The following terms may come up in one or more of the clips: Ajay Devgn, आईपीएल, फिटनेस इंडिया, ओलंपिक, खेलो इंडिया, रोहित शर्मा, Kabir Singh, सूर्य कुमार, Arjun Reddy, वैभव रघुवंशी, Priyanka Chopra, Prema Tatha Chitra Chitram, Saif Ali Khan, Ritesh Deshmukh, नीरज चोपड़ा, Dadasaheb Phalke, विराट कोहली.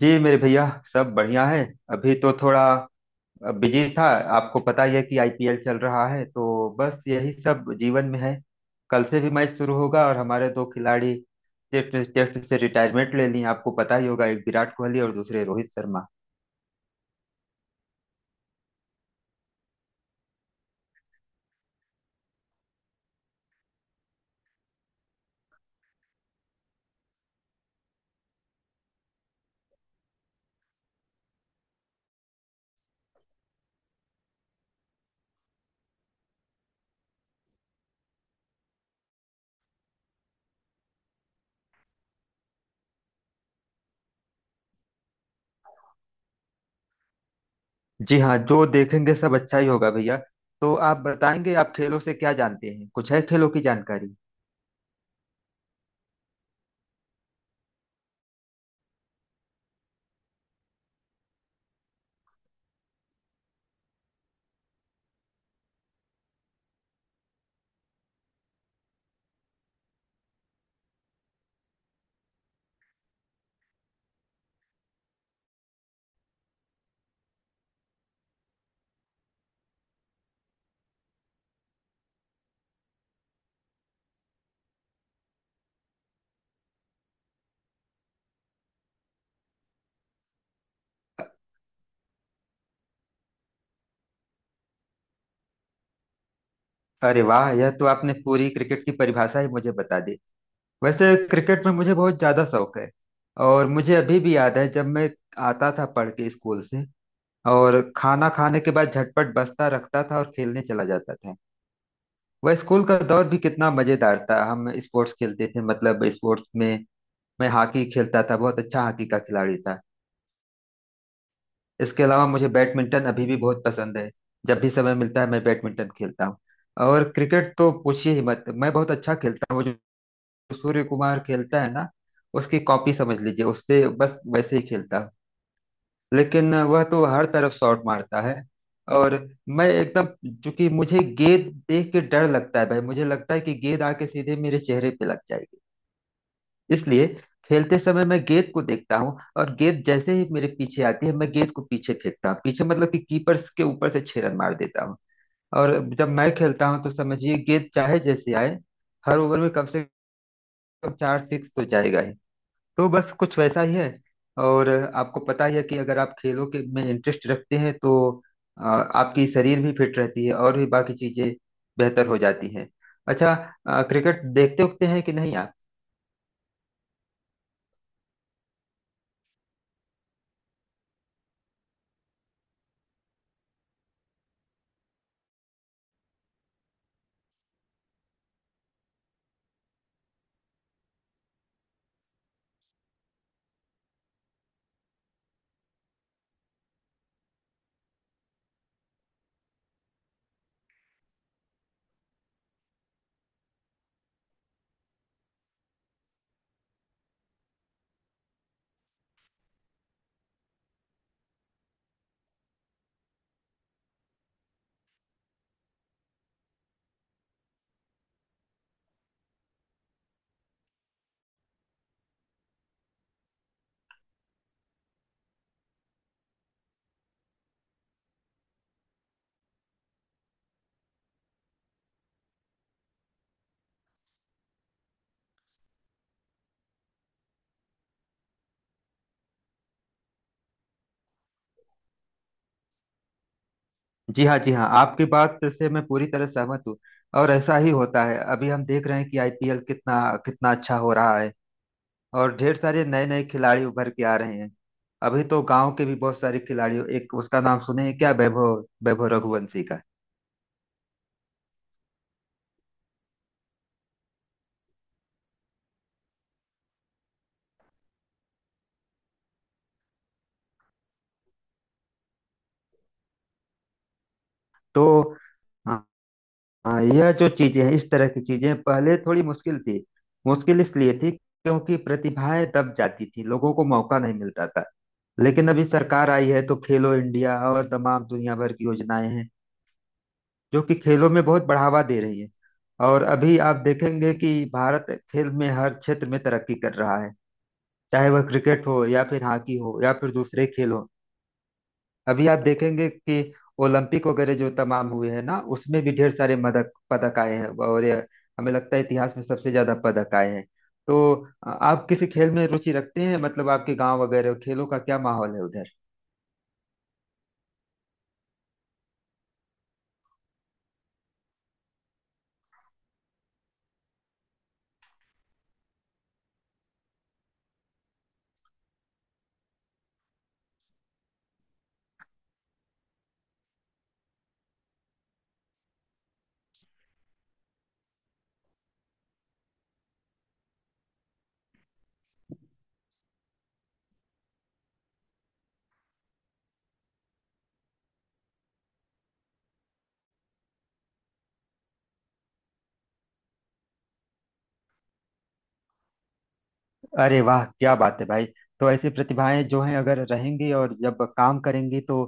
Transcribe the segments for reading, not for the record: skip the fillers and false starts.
जी मेरे भैया। सब बढ़िया है। अभी तो थोड़ा बिजी था। आपको पता ही है कि आईपीएल चल रहा है, तो बस यही सब जीवन में है। कल से भी मैच शुरू होगा और हमारे दो खिलाड़ी टेस्ट टेस्ट से रिटायरमेंट ले लिए, आपको पता ही होगा, एक विराट कोहली और दूसरे रोहित शर्मा। जी हाँ, जो देखेंगे सब अच्छा ही होगा भैया। तो आप बताएंगे, आप खेलों से क्या जानते हैं? कुछ है खेलों की जानकारी? अरे वाह, यह तो आपने पूरी क्रिकेट की परिभाषा ही मुझे बता दी। वैसे क्रिकेट में मुझे बहुत ज़्यादा शौक है। और मुझे अभी भी याद है, जब मैं आता था पढ़ के स्कूल से और खाना खाने के बाद झटपट बस्ता रखता था और खेलने चला जाता था। वह स्कूल का दौर भी कितना मज़ेदार था। हम स्पोर्ट्स खेलते थे, मतलब स्पोर्ट्स में मैं हॉकी खेलता था, बहुत अच्छा हॉकी का खिलाड़ी था। इसके अलावा मुझे बैडमिंटन अभी भी बहुत पसंद है। जब भी समय मिलता है मैं बैडमिंटन खेलता हूँ। और क्रिकेट तो पूछिए ही मत, मैं बहुत अच्छा खेलता हूँ। सूर्य कुमार खेलता है ना, उसकी कॉपी समझ लीजिए, उससे बस वैसे ही खेलता हूं। लेकिन वह तो हर तरफ शॉट मारता है, और मैं एकदम, चूंकि मुझे गेंद देख के डर लगता है भाई, मुझे लगता है कि गेंद आके सीधे मेरे चेहरे पे लग जाएगी। इसलिए खेलते समय मैं गेंद को देखता हूँ और गेंद जैसे ही मेरे पीछे आती है, मैं गेंद को पीछे फेंकता हूँ, पीछे मतलब कि कीपर्स के ऊपर से 6 रन मार देता हूँ। और जब मैं खेलता हूँ तो समझिए गेंद चाहे जैसे आए, हर ओवर में कम से कम चार सिक्स तो जाएगा ही। तो बस कुछ वैसा ही है। और आपको पता ही है कि अगर आप खेलों के में इंटरेस्ट रखते हैं तो आपकी शरीर भी फिट रहती है और भी बाकी चीजें बेहतर हो जाती हैं। अच्छा, क्रिकेट देखते उखते हैं कि नहीं आप? जी हाँ जी हाँ, आपकी बात से मैं पूरी तरह सहमत हूँ। और ऐसा ही होता है, अभी हम देख रहे हैं कि आईपीएल कितना कितना अच्छा हो रहा है और ढेर सारे नए नए खिलाड़ी उभर के आ रहे हैं। अभी तो गांव के भी बहुत सारे खिलाड़ी, एक उसका नाम सुने हैं क्या, वैभव वैभव रघुवंशी का? तो हाँ, हाँ, यह जो चीजें हैं, इस तरह की चीजें पहले थोड़ी मुश्किल थी। मुश्किल इसलिए थी क्योंकि प्रतिभाएं दब जाती थी, लोगों को मौका नहीं मिलता था। लेकिन अभी सरकार आई है, तो खेलो इंडिया और तमाम दुनिया भर की योजनाएं हैं जो कि खेलों में बहुत बढ़ावा दे रही है। और अभी आप देखेंगे कि भारत खेल में हर क्षेत्र में तरक्की कर रहा है, चाहे वह क्रिकेट हो या फिर हॉकी हो या फिर दूसरे खेल हो। अभी आप देखेंगे कि ओलंपिक वगैरह जो तमाम हुए हैं ना, उसमें भी ढेर सारे मदक पदक आए हैं और ये हमें लगता है इतिहास में सबसे ज्यादा पदक आए हैं। तो आप किसी खेल में रुचि रखते हैं? मतलब आपके गांव वगैरह खेलों का क्या माहौल है उधर? अरे वाह क्या बात है भाई। तो ऐसी प्रतिभाएं जो हैं, अगर रहेंगी और जब काम करेंगी तो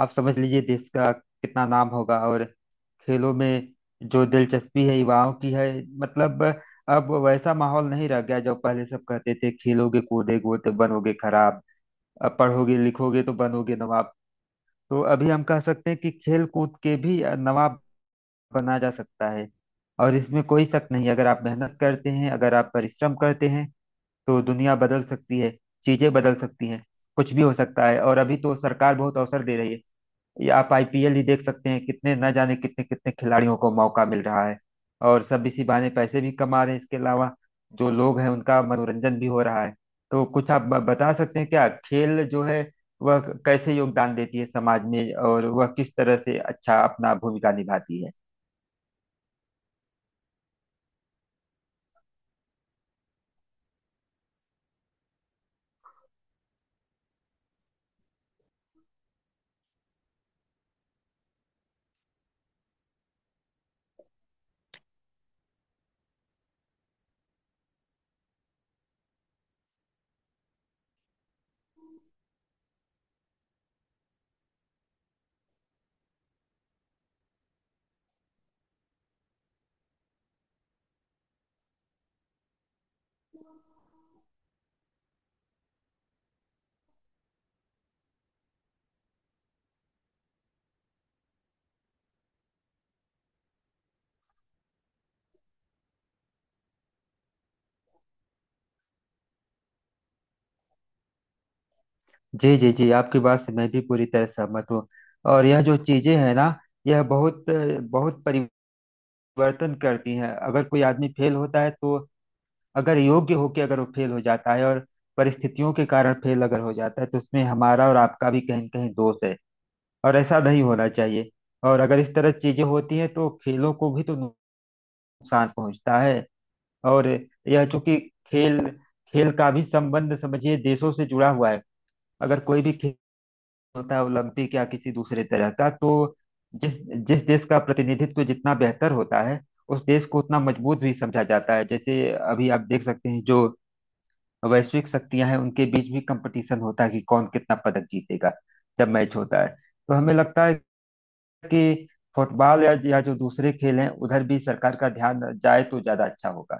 आप समझ लीजिए देश का कितना नाम होगा। और खेलों में जो दिलचस्पी है युवाओं की है, मतलब अब वैसा माहौल नहीं रह गया जो पहले सब कहते थे, खेलोगे कूदोगे तो बनोगे खराब, अब पढ़ोगे लिखोगे तो बनोगे नवाब। तो अभी हम कह सकते हैं कि खेल कूद के भी नवाब बना जा सकता है। और इसमें कोई शक नहीं, अगर आप मेहनत करते हैं, अगर आप परिश्रम करते हैं तो दुनिया बदल सकती है, चीजें बदल सकती हैं, कुछ भी हो सकता है। और अभी तो सरकार बहुत अवसर दे रही है। ये आप आईपीएल ही देख सकते हैं, कितने न जाने कितने कितने खिलाड़ियों को मौका मिल रहा है और सब इसी बहाने पैसे भी कमा रहे हैं। इसके अलावा जो लोग हैं उनका मनोरंजन भी हो रहा है। तो कुछ आप बता सकते हैं क्या, खेल जो है वह कैसे योगदान देती है समाज में और वह किस तरह से अच्छा अपना भूमिका निभाती है? जी जी जी, आपकी बात से मैं भी पूरी तरह सहमत हूँ। और यह जो चीजें हैं ना, यह बहुत बहुत परिवर्तन वर्तन करती हैं। अगर कोई आदमी फेल होता है, तो अगर योग्य होके अगर वो फेल हो जाता है और परिस्थितियों के कारण फेल लगा हो जाता है, तो उसमें हमारा और आपका भी कहीं-कहीं दोस्त है। और ऐसा नहीं होना चाहिए। और अगर इस तरह चीजें होती हैं, तो खेलों को भी तो नुकसान पहुंचता है। और यह क्य होता है ओलंपिक या किसी दूसरे तरह का, तो जिस जिस देश का प्रतिनिधित्व जितना बेहतर होता है उस देश को उतना मजबूत भी समझा जाता है। जैसे अभी आप देख सकते हैं, जो वैश्विक शक्तियां हैं उनके बीच भी कंपटीशन होता है कि कौन कितना पदक जीतेगा। जब मैच होता है तो हमें लगता है कि फुटबॉल या जो दूसरे खेल हैं, उधर भी सरकार का ध्यान जाए तो ज्यादा अच्छा होगा।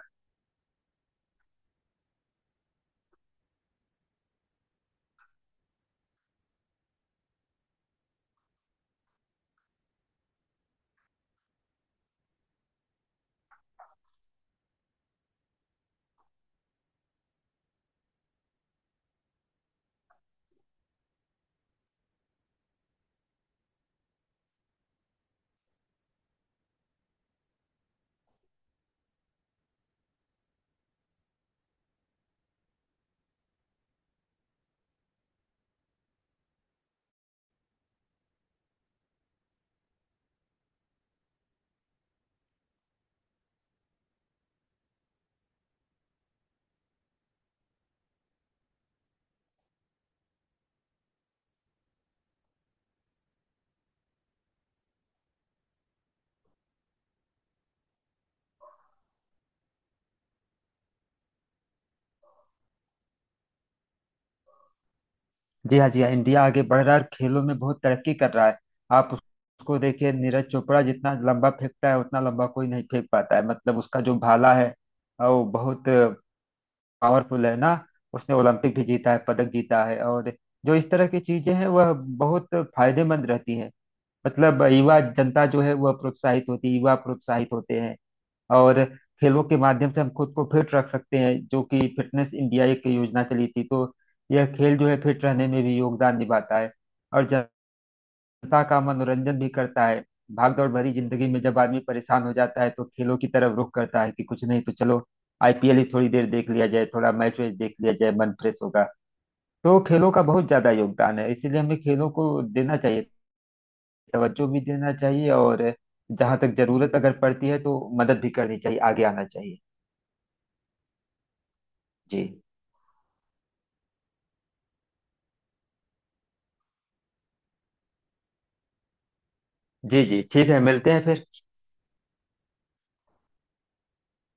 जी हाँ जी हाँ, इंडिया आगे बढ़ रहा है और खेलों में बहुत तरक्की कर रहा है। आप उसको देखिए, नीरज चोपड़ा जितना लंबा फेंकता है उतना लंबा कोई नहीं फेंक पाता है, मतलब उसका जो भाला है वो बहुत पावरफुल है ना। उसने ओलंपिक भी जीता है, पदक जीता है। और जो इस तरह की चीजें हैं वह बहुत फायदेमंद रहती है, मतलब युवा जनता जो है वह प्रोत्साहित होती है, युवा प्रोत्साहित होते हैं। और खेलों के माध्यम से हम खुद को फिट रख सकते हैं, जो कि फिटनेस इंडिया एक योजना चली थी, तो यह खेल जो है फिट रहने में भी योगदान निभाता है। और जनता का मनोरंजन भी करता है। भागदौड़ भरी जिंदगी में जब आदमी परेशान हो जाता है तो खेलों की तरफ रुख करता है कि कुछ नहीं तो चलो आईपीएल ही थोड़ी देर देख लिया जाए, थोड़ा मैच वैच देख लिया जाए, मन फ्रेश होगा। तो खेलों का बहुत ज्यादा योगदान है, इसीलिए हमें खेलों को देना चाहिए, तवज्जो भी देना चाहिए। और जहां तक जरूरत अगर पड़ती है तो मदद भी करनी चाहिए, आगे आना चाहिए। जी जी जी ठीक है, मिलते हैं फिर।